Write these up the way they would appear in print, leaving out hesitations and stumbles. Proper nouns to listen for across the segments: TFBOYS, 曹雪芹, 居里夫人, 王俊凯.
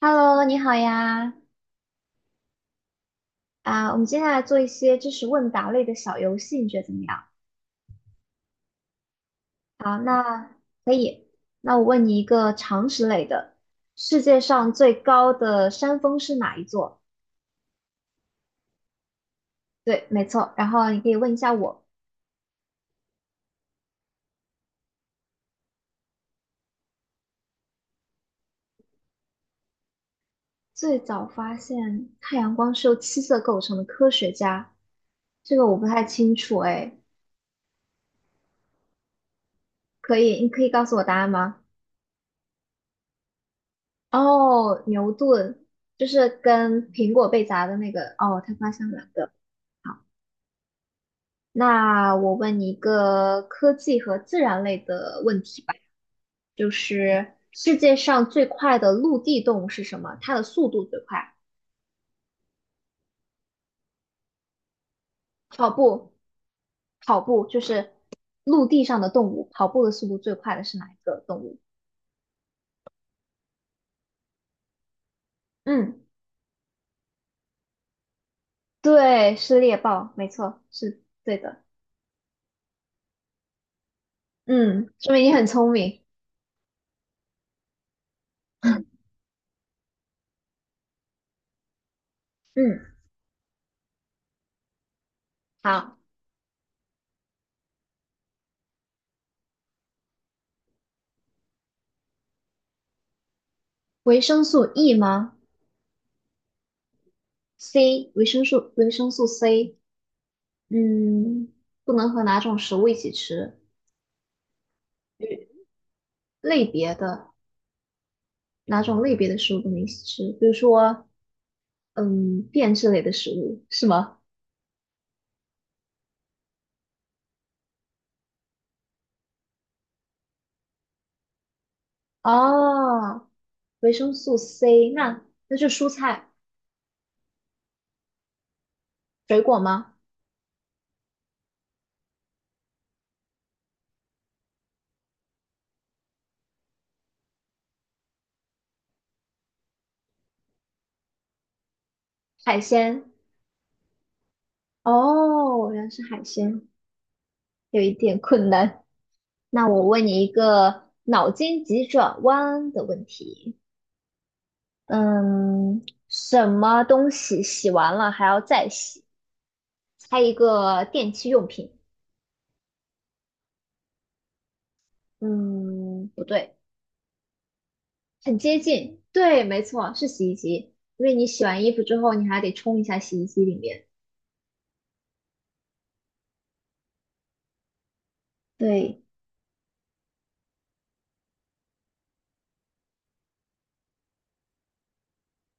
Hello，你好呀！啊，我们接下来做一些知识问答类的小游戏，你觉得怎么样？好，那可以。那我问你一个常识类的：世界上最高的山峰是哪一座？对，没错。然后你可以问一下我，最早发现太阳光是由七色构成的科学家，这个我不太清楚哎。可以，你可以告诉我答案吗？哦，牛顿，就是跟苹果被砸的那个。哦，他发现了。那我问你一个科技和自然类的问题吧，就是世界上最快的陆地动物是什么？它的速度最快？跑步，跑步就是陆地上的动物，跑步的速度最快的是哪一个动物？嗯，对，是猎豹，没错，是对的。嗯，说明你很聪明。嗯，好，维生素 E 吗？C,维生素 C,嗯，不能和哪种食物一起吃？类别的哪种类别的食物不能一起吃？比如说，嗯，变质类的食物是吗？哦，维生素 C,那是蔬菜、水果吗？海鲜？哦，原来是海鲜，有一点困难。那我问你一个脑筋急转弯的问题，嗯，什么东西洗完了还要再洗？猜一个电器用品。嗯，不对。很接近，对，没错，是洗衣机，因为你洗完衣服之后，你还得冲一下洗衣机里面。对，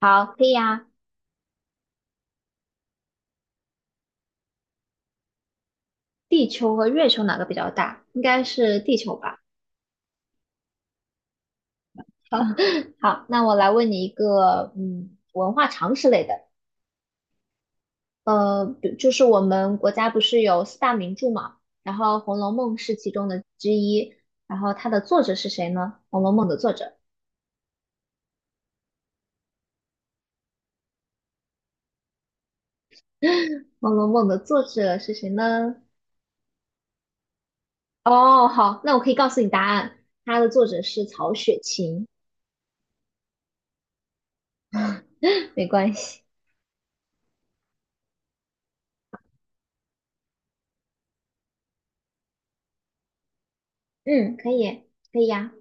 好，可以啊。地球和月球哪个比较大？应该是地球吧。好，好，那我来问你一个，嗯，文化常识类的，就是我们国家不是有四大名著嘛，然后《红楼梦》是其中的之一，然后它的作者是谁呢？《红楼梦》的作者，《红楼梦》的作者是谁呢？哦，好，那我可以告诉你答案，它的作者是曹雪芹，没关系。嗯，可以，可以呀、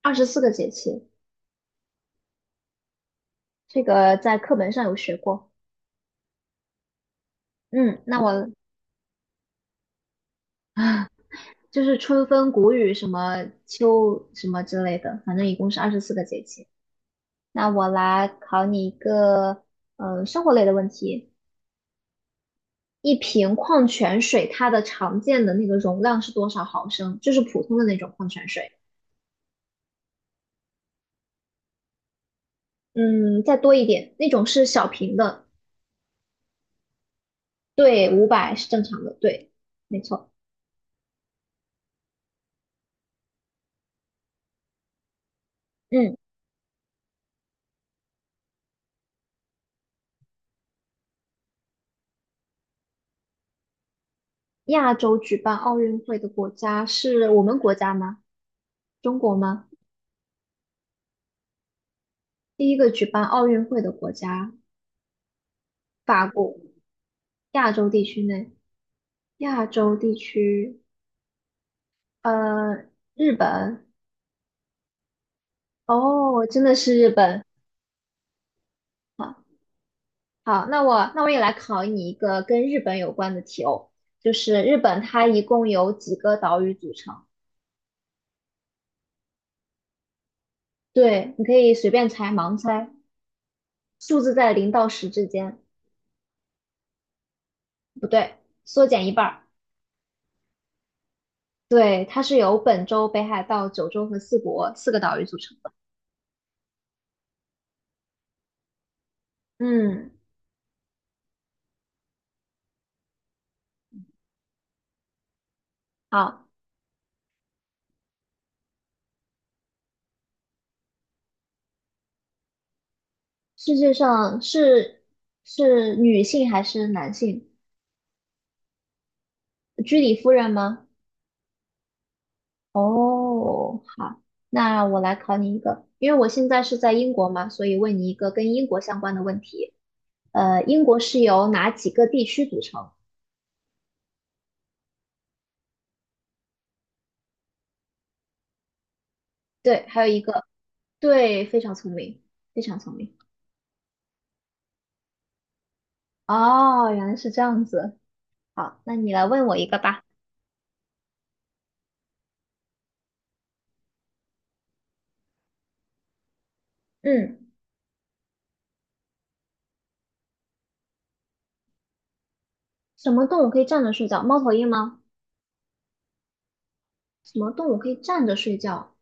二十四个节气，这个在课本上有学过。嗯，那我就是春分、谷雨什么秋什么之类的，反正一共是二十四个节气。那我来考你一个，生活类的问题。一瓶矿泉水它的常见的那个容量是多少毫升？就是普通的那种矿泉水。嗯，再多一点，那种是小瓶的，对，500是正常的，对，没错。嗯，亚洲举办奥运会的国家是我们国家吗？中国吗？第一个举办奥运会的国家，法国，亚洲地区内，亚洲地区，呃，日本。哦，真的是日本。好，好,那我也来考你一个跟日本有关的题哦，就是日本它一共有几个岛屿组成？对，你可以随便猜，盲猜，数字在0到10之间。不对，缩减一半儿。对，它是由本州、北海道、九州和四国四个岛屿组成的。嗯，好，世界上是是女性还是男性？居里夫人吗？哦，好，那我来考你一个，因为我现在是在英国嘛，所以问你一个跟英国相关的问题。英国是由哪几个地区组成？对，还有一个，对，非常聪明，非常聪明。哦，原来是这样子。好，那你来问我一个吧。嗯，什么动物可以站着睡觉？猫头鹰吗？什么动物可以站着睡觉？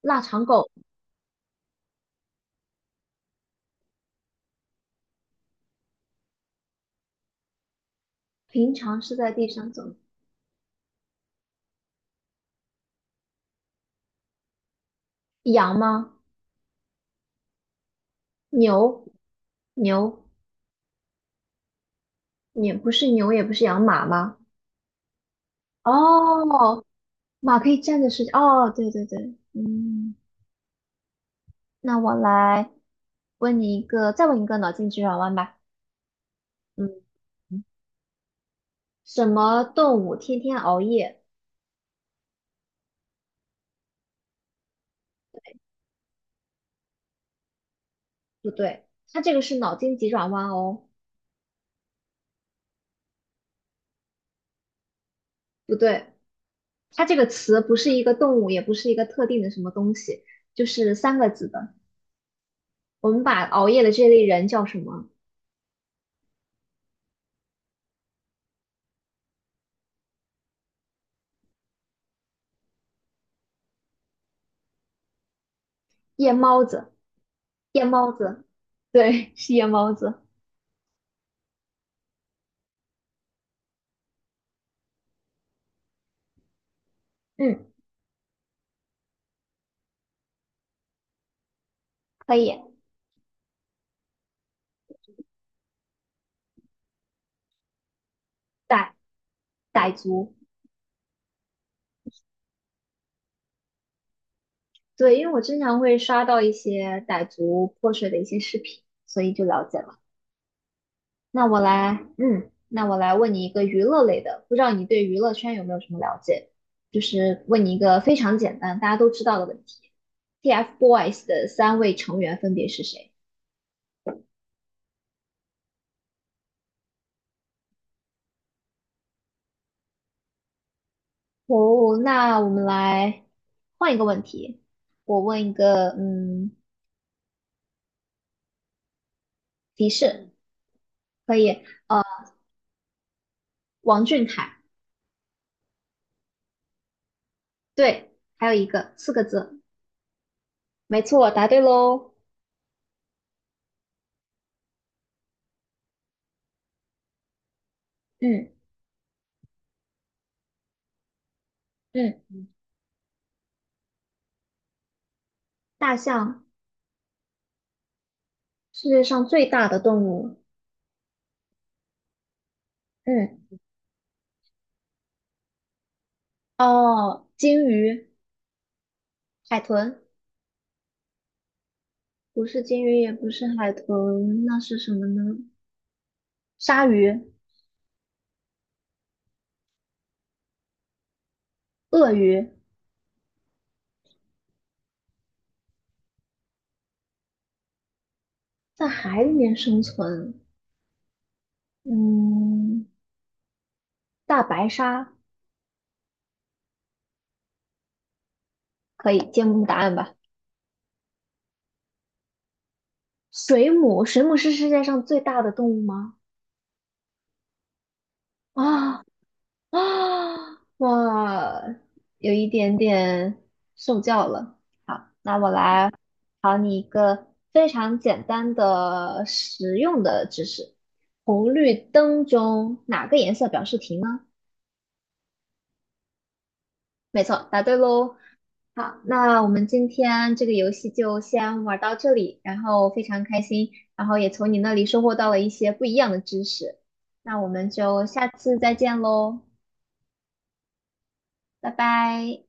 腊肠狗平常是在地上走。羊吗？牛？牛？也不是牛，也不是羊，马吗？哦，马可以站着睡觉。哦，对对对，嗯，那我来问你一个，再问一个脑筋急转弯吧。嗯，什么动物天天熬夜？不对，它这个是脑筋急转弯哦，不对。它这个词不是一个动物，也不是一个特定的什么东西，就是三个字的。我们把熬夜的这类人叫什么？夜猫子，夜猫子，对，是夜猫子。嗯，可以，傣傣族，对，因为我经常会刷到一些傣族泼水的一些视频，所以就了解了。那我来，嗯，那我来问你一个娱乐类的，不知道你对娱乐圈有没有什么了解？就是问你一个非常简单，大家都知道的问题，TFBOYS 的三位成员分别是谁？哦，那我们来换一个问题，我问一个，嗯，提示可以，王俊凯，对，还有一个四个字，没错，答对喽，嗯嗯，大象，世界上最大的动物，嗯，哦，鲸鱼。海豚不是鲸鱼，也不是海豚，那是什么呢？鲨鱼、鳄鱼在海里面生存。嗯，大白鲨可以揭幕答案吧？水母，水母是世界上最大的动物吗？啊、啊，哇，有一点点受教了。好，那我来考你一个非常简单的实用的知识：红绿灯中哪个颜色表示停呢？没错，答对喽。好，那我们今天这个游戏就先玩到这里，然后非常开心，然后也从你那里收获到了一些不一样的知识。那我们就下次再见喽，拜拜。